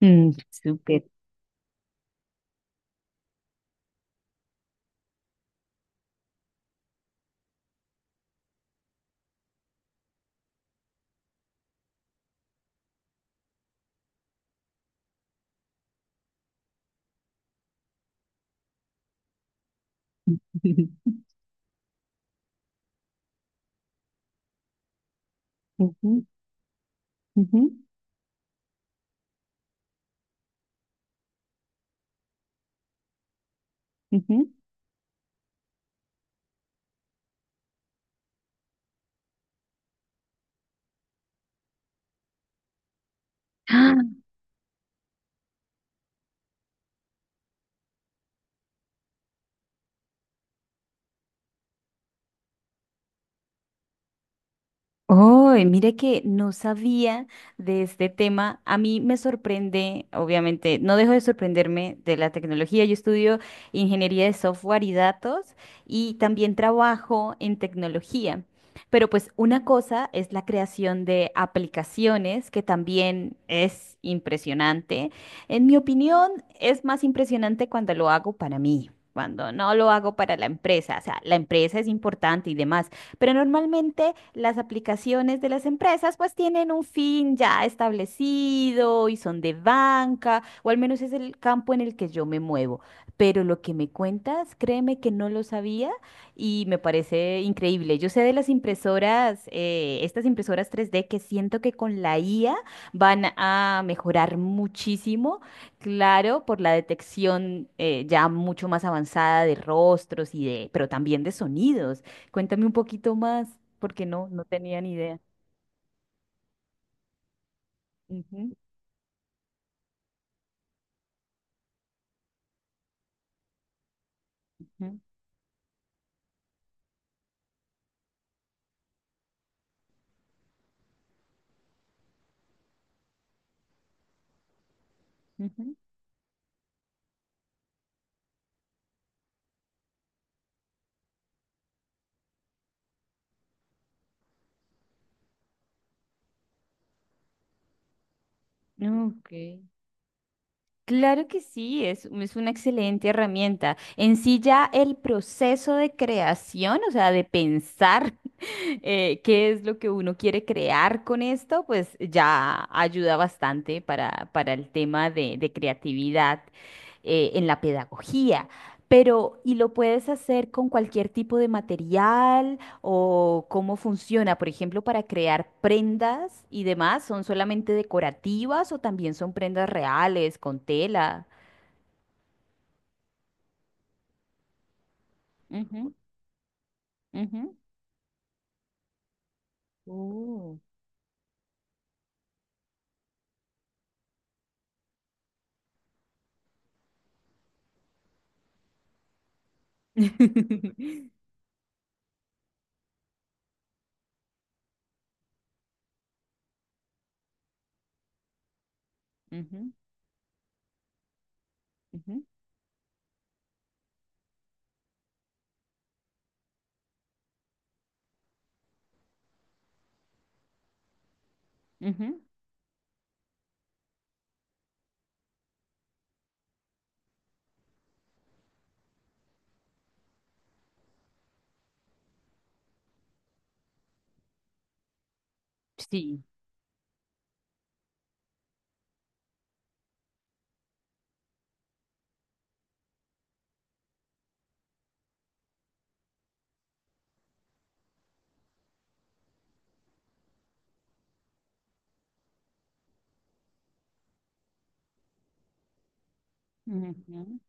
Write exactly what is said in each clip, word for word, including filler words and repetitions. Mm, súper. Ujú, ujú, ujú. ¡Ah! Oh, mire que no sabía de este tema. A mí me sorprende, obviamente, no dejo de sorprenderme de la tecnología. Yo estudio ingeniería de software y datos y también trabajo en tecnología. Pero pues una cosa es la creación de aplicaciones, que también es impresionante. En mi opinión, es más impresionante cuando lo hago para mí, cuando no lo hago para la empresa. O sea, la empresa es importante y demás, pero normalmente las aplicaciones de las empresas pues tienen un fin ya establecido y son de banca, o al menos es el campo en el que yo me muevo. Pero lo que me cuentas, créeme que no lo sabía y me parece increíble. Yo sé de las impresoras, eh, estas impresoras tres D, que siento que con la I A van a mejorar muchísimo. Claro, por la detección eh, ya mucho más avanzada de rostros y de, pero también de sonidos. Cuéntame un poquito más, porque no, no tenía ni idea. Ujú, ujú, ujú. Ok. Claro que sí, es, es una excelente herramienta. En sí ya el proceso de creación, o sea, de pensar eh, qué es lo que uno quiere crear con esto, pues ya ayuda bastante para, para el tema de, de creatividad eh, en la pedagogía. Pero, y lo puedes hacer con cualquier tipo de material, o cómo funciona. Por ejemplo, para crear prendas y demás, ¿son solamente decorativas o también son prendas reales con tela? Ujú, ujú. Oh. Ujú, ujú, ujú. Sí. Ujú.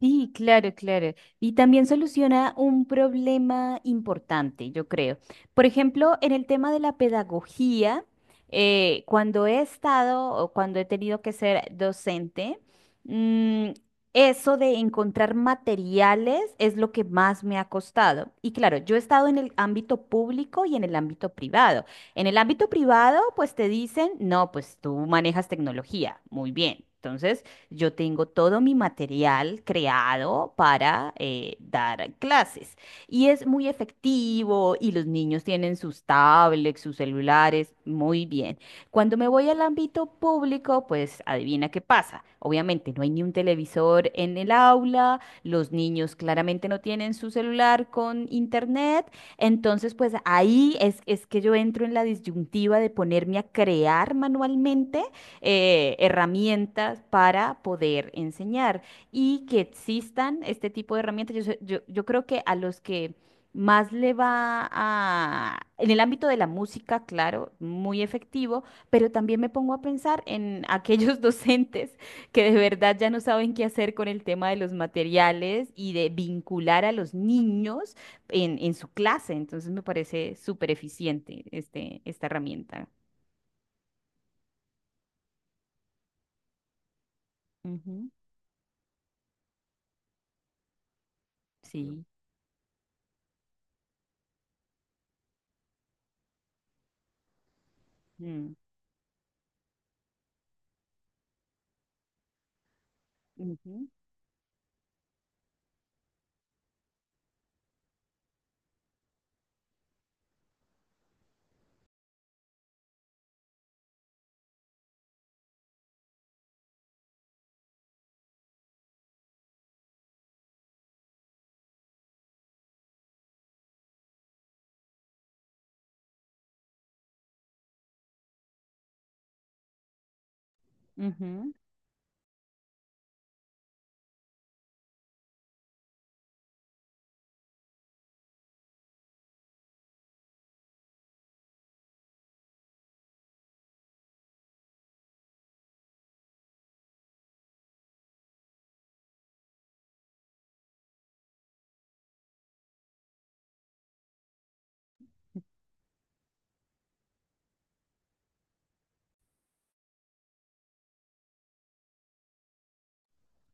Sí, claro, claro. Y también soluciona un problema importante, yo creo. Por ejemplo, en el tema de la pedagogía, eh, cuando he estado o cuando he tenido que ser docente, mm, eso de encontrar materiales es lo que más me ha costado. Y claro, yo he estado en el ámbito público y en el ámbito privado. En el ámbito privado, pues te dicen, no, pues tú manejas tecnología, muy bien. Entonces... Yo tengo todo mi material creado para eh, dar clases y es muy efectivo, y los niños tienen sus tablets, sus celulares, muy bien. Cuando me voy al ámbito público, pues adivina qué pasa. Obviamente no hay ni un televisor en el aula, los niños claramente no tienen su celular con internet, entonces pues ahí es, es que yo entro en la disyuntiva de ponerme a crear manualmente eh, herramientas para poder enseñar y que existan este tipo de herramientas. Yo, sé- yo, yo creo que a los que más le va a, en el ámbito de la música, claro, muy efectivo, pero también me pongo a pensar en aquellos docentes que de verdad ya no saben qué hacer con el tema de los materiales y de vincular a los niños en, en su clase. Entonces me parece súper eficiente este, esta herramienta. Ujú. Sí. Mm. Ujú, ujú.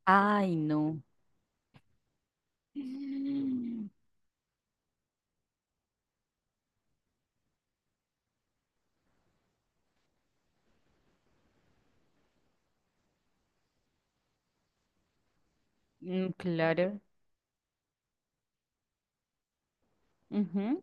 Ay, no. Mm. Mm, claro. Ujú.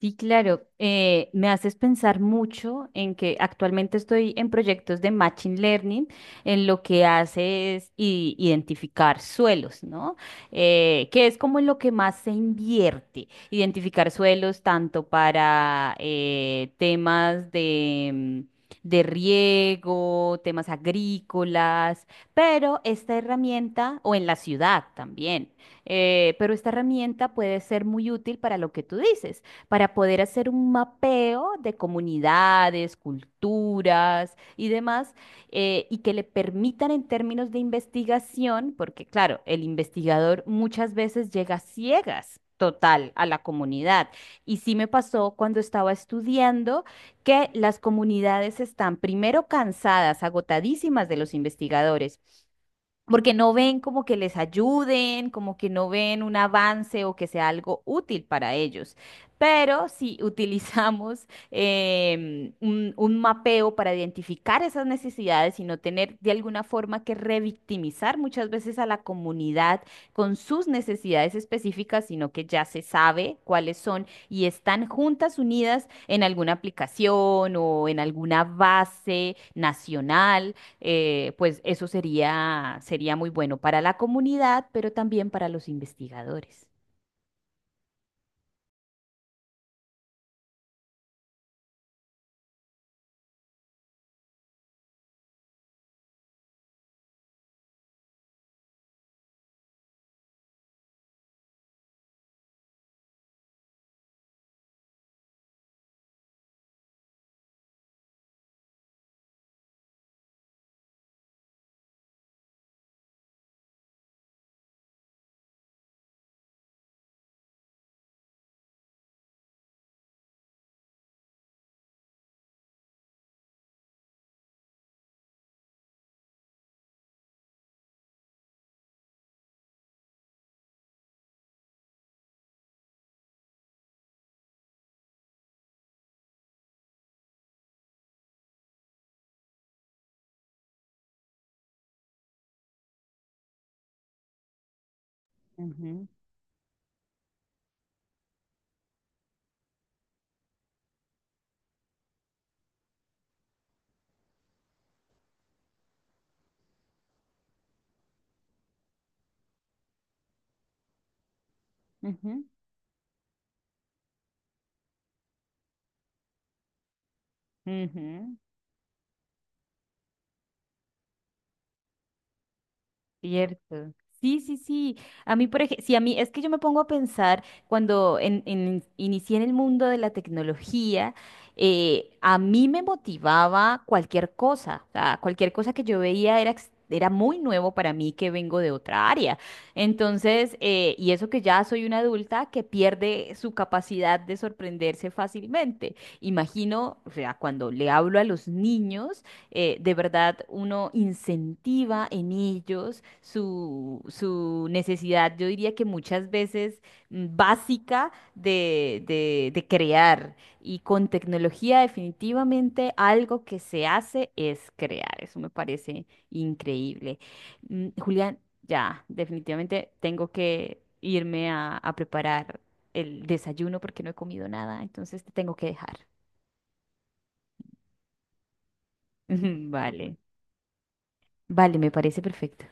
Sí, claro. Eh, me haces pensar mucho en que actualmente estoy en proyectos de Machine Learning, en lo que hace es i- identificar suelos, ¿no? Eh, que es como en lo que más se invierte, identificar suelos tanto para eh, temas de, mm, de riego, temas agrícolas, pero esta herramienta, o en la ciudad también, eh, pero esta herramienta puede ser muy útil para lo que tú dices, para poder hacer un mapeo de comunidades, culturas y demás, eh, y que le permitan en términos de investigación, porque claro, el investigador muchas veces llega a ciegas, total, a la comunidad. Y sí me pasó cuando estaba estudiando que las comunidades están primero cansadas, agotadísimas de los investigadores, porque no ven como que les ayuden, como que no ven un avance o que sea algo útil para ellos. Pero si utilizamos em, un, un mapeo para identificar esas necesidades y no tener de alguna forma que revictimizar muchas veces a la comunidad con sus necesidades específicas, sino que ya se sabe cuáles son y están juntas, unidas en alguna aplicación o en alguna base nacional, eh, pues eso sería, sería muy bueno para la comunidad, pero también para los investigadores. Ujú, ujú. Ujú. Cierto. Sí, sí, sí. A mí, por ejemplo, sí, a mí es que yo me pongo a pensar cuando en, en- inicié en el mundo de la tecnología, eh, a mí me motivaba cualquier cosa. O sea, cualquier cosa que yo veía era, ex- era muy nuevo para mí, que vengo de otra área. Entonces, eh, y eso que ya soy una adulta que pierde su capacidad de sorprenderse fácilmente. Imagino, o sea, cuando le hablo a los niños eh, de verdad uno incentiva en ellos su, su necesidad, yo diría que muchas veces mm, básica de, de, de crear. Y con tecnología definitivamente algo que se hace es crear. Eso me parece increíble. Mm, Julián, ya, definitivamente tengo que irme a, a preparar el desayuno porque no he comido nada, entonces te tengo que dejar. Vale, vale, me parece perfecto.